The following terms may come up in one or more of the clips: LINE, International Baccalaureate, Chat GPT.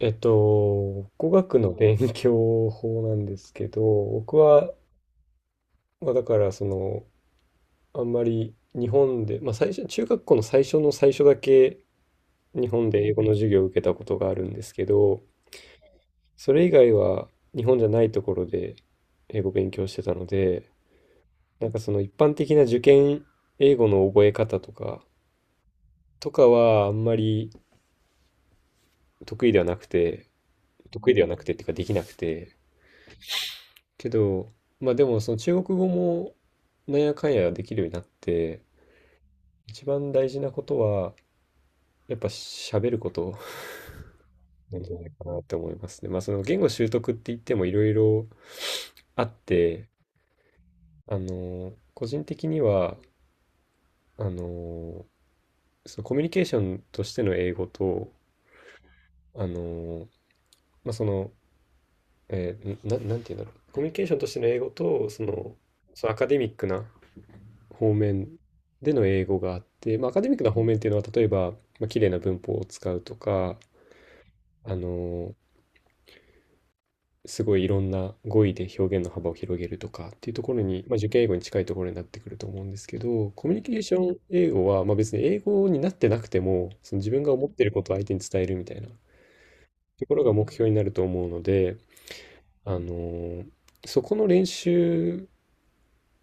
語学の勉強法なんですけど、僕は、まあ、だからその、あんまり日本で、まあ、最初、中学校の最初の最初だけ日本で英語の授業を受けたことがあるんですけど、それ以外は日本じゃないところで英語勉強してたので、なんかその一般的な受験英語の覚え方とかはあんまり得意ではなくて、得意ではなくてっていうかできなくて、けど、まあでもその中国語もなんやかんやできるようになって、一番大事なことは、やっぱ喋ることなんじゃないかなって思いますね。まあその言語習得って言ってもいろいろあって、あの、個人的には、あの、そのコミュニケーションとしての英語と、あの、まあその、なんていうんだろう。コミュニケーションとしての英語と、そのアカデミックな方面での英語があって、まあ、アカデミックな方面っていうのは例えば、まあ綺麗な文法を使うとか、あのすごいいろんな語彙で表現の幅を広げるとかっていうところに、まあ、受験英語に近いところになってくると思うんですけど、コミュニケーション英語は、まあ、別に英語になってなくても、その自分が思っていることを相手に伝えるみたいなところが目標になると思うので、あのそこの練習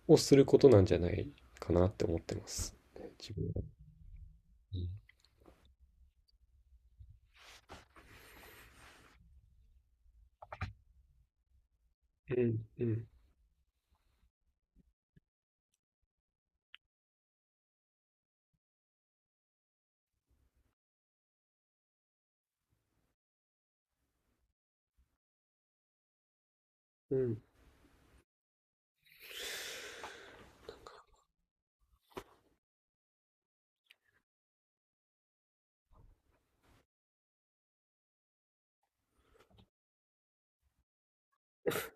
をすることなんじゃないかなって思ってます。自分は。うん、うん、うん。うん、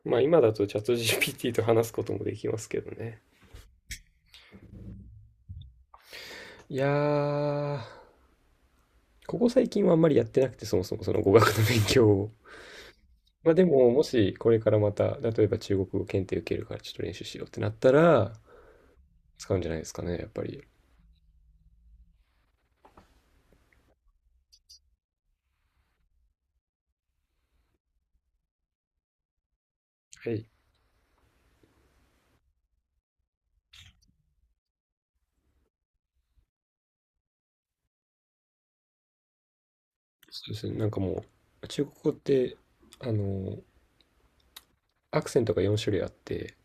まあ今だとチャット GPT と話すこともできますけどね。いやー、ここ最近はあんまりやってなくて、そもそもその語学の勉強を。まあでも、もしこれからまた、例えば中国語検定受けるからちょっと練習しようってなったら、使うんじゃないですかね、やっぱり。はい。そうですね。なんかもう、中国語って、あの、アクセントが4種類あって、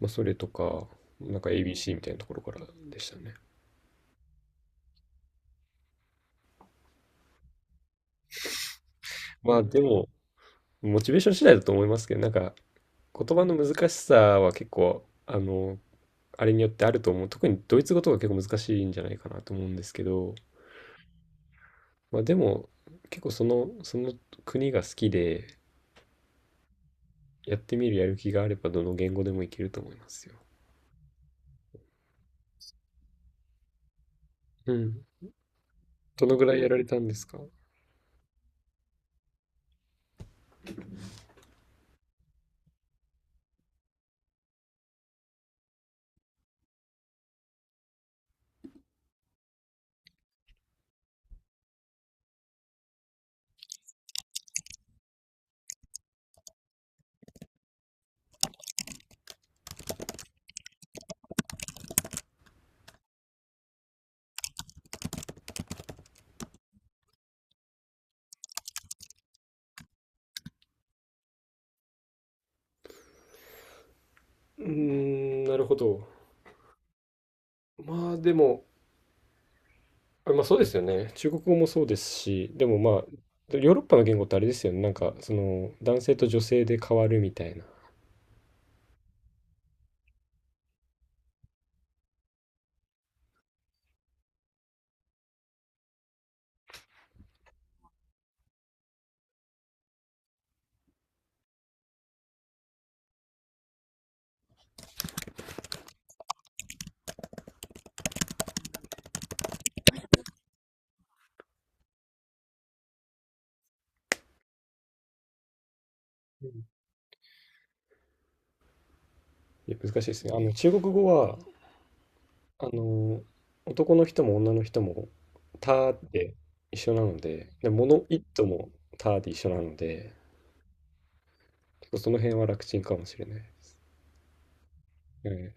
まあそれとか、なんか ABC みたいなところからでしたね。まあでも、モチベーション次第だと思いますけど、なんか言葉の難しさは結構、あの、あれによってあると思う。特にドイツ語とか結構難しいんじゃないかなと思うんですけど、まあでも、結構その国が好きで、やってみるやる気があればどの言語でもいけると思いますよ。うん。どのぐらいやられたんですか？うーん、なるほど。まあでも、あまあそうですよね。中国語もそうですし、でもまあ、ヨーロッパの言語ってあれですよね。なんか、その、男性と女性で変わるみたいな。うん、いや難しいですね。あの、中国語は、あの、男の人も女の人も、たーって一緒なので、で、物一ともたーって一緒なので、結構その辺は楽ちんかもしれないですね。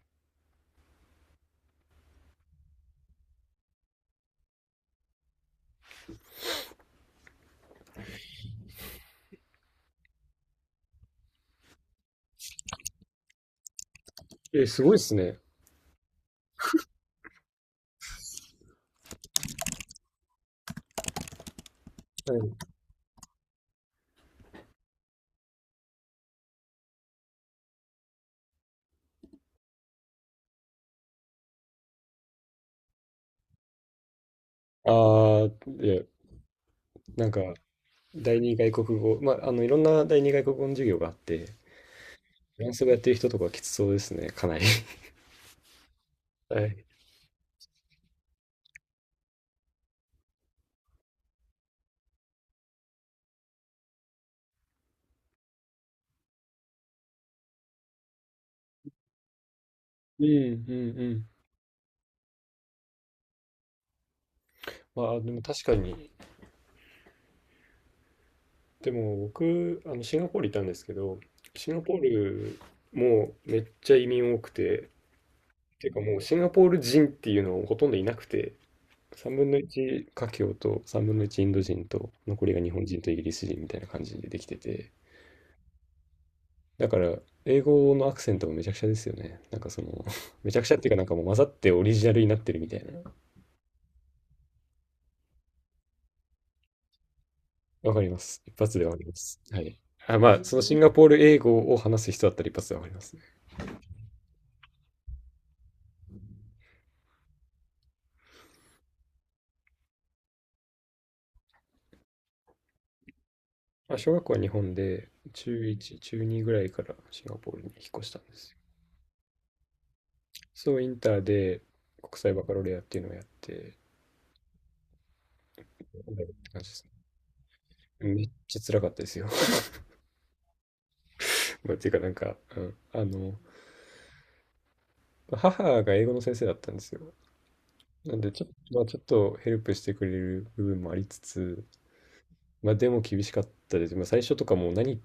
ええ、すごいですね。はい。ああ、いや、なんか、第二外国語、まあ、あの、いろんな第二外国語の授業があって、フランス語やってる人とかきつそうですね、かなり。はい。うんうんうん。まあでも確かに、でも僕、あのシンガポールいたんですけど、シンガポールもめっちゃ移民多くて、ていうかもうシンガポール人っていうのほとんどいなくて、3分の1華僑と3分の1インド人と、残りが日本人とイギリス人みたいな感じでできてて、だから英語のアクセントもめちゃくちゃですよね。なんかその めちゃくちゃっていうかなんかもう混ざってオリジナルになってるみたいな。わかります。一発でわかります。はい。あ、まあ、そのシンガポール英語を話す人だったら一発でわかりますね。まあ、小学校は日本で、中1、中2ぐらいからシンガポールに引っ越したんですよ。そう、インターで国際バカロレアっていうのをやって、頑張るって感じですね。めっちゃ辛かったですよ。まあ、っていうかなんか、うん、あの、母が英語の先生だったんですよ。なんでちょっと、まあ、ちょっとヘルプしてくれる部分もありつつ、まあでも厳しかったです。まあ最初とかもう何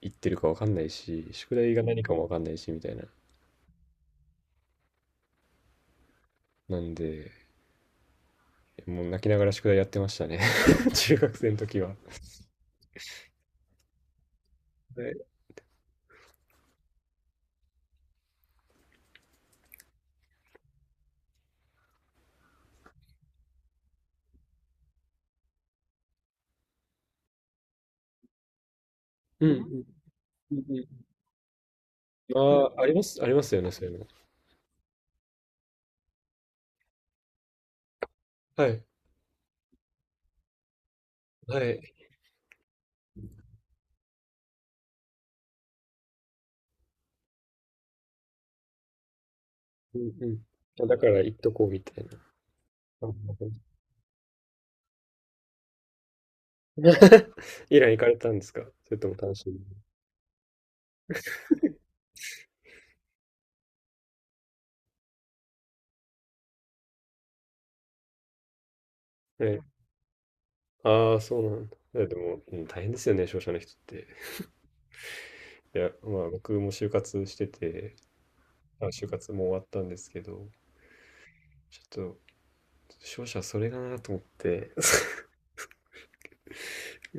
言ってるかわかんないし、宿題が何かもわかんないしみたいな。なんで、もう泣きながら宿題やってましたね。中学生の時は。はい。うんうんうんうん。ああ、あります、ありますよね、そういうの。はい、はい。うんうん。だから言っとこうみたいな。イラン行かれたんですか？それとも単身で。ええ。ああ、そうなんだ。いや、でも、うん、大変ですよね、商社の人って。いや、まあ、僕も就活してて、あ、就活も終わったんですけど、ちょっと、商社それだなと思って、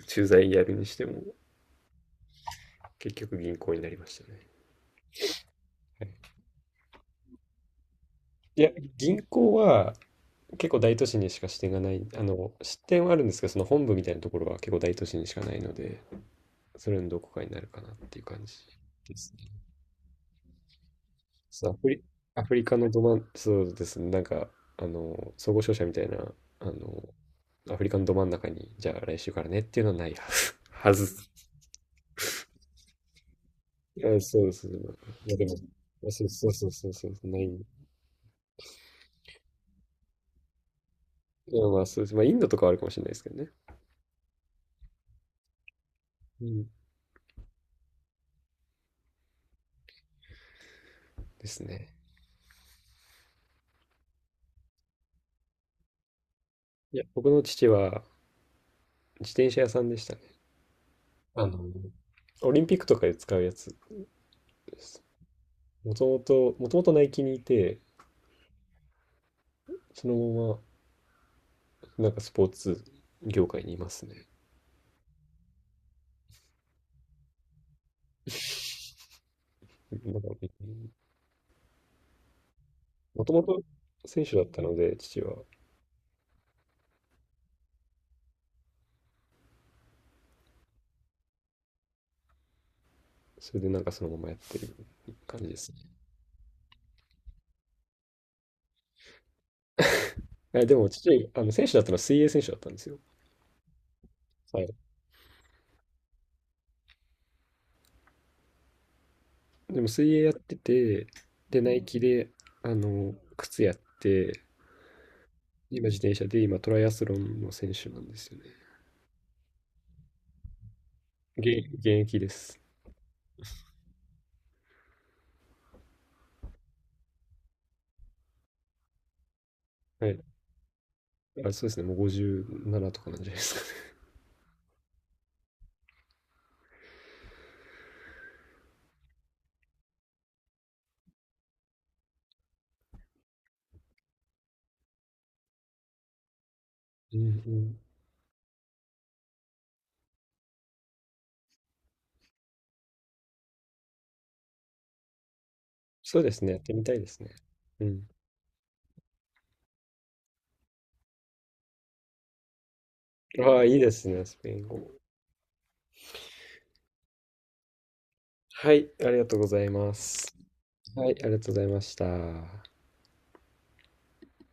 駐在やるにしても、結局銀行になりましたね。はい。いや、銀行は結構大都市にしか支店がない、あの、支店はあるんですけど、その本部みたいなところは結構大都市にしかないので、それのどこかになるかなっていう感じですね。そう、アフリカのど真ん、そうですね、なんか、あの、総合商社みたいな、あの、アフリカのど真ん中に、じゃあ来週からねっていうのはないはず。はずあ、そうです。いやでも、まあそうそうそうそうそう、ない。いや、まあそうです。まあ、インドとかはあるかもしれないですけどね。うん。ですね。いや、僕の父は自転車屋さんでしたね。あの、オリンピックとかで使うやつです。もともとナイキにいて、そのまま、なんかスポーツ業界にいますね。なんか、もともと選手だったので、父は。それでなんかそのままやってる感じですね。え、でも父、あの選手だったのは水泳選手だったんですよ。はい。でも水泳やってて、で、ナイキで、あの、靴やって、今自転車で、今トライアスロンの選手なんですよね。現役です。はい。あ、そうですね。もう57とかなんじゃないですかね。うんうん。そうですね。やってみたいですね。うん。ああ、いいですね。スペイン語も。はい。ありがとうございます。はい、ありがとうございました。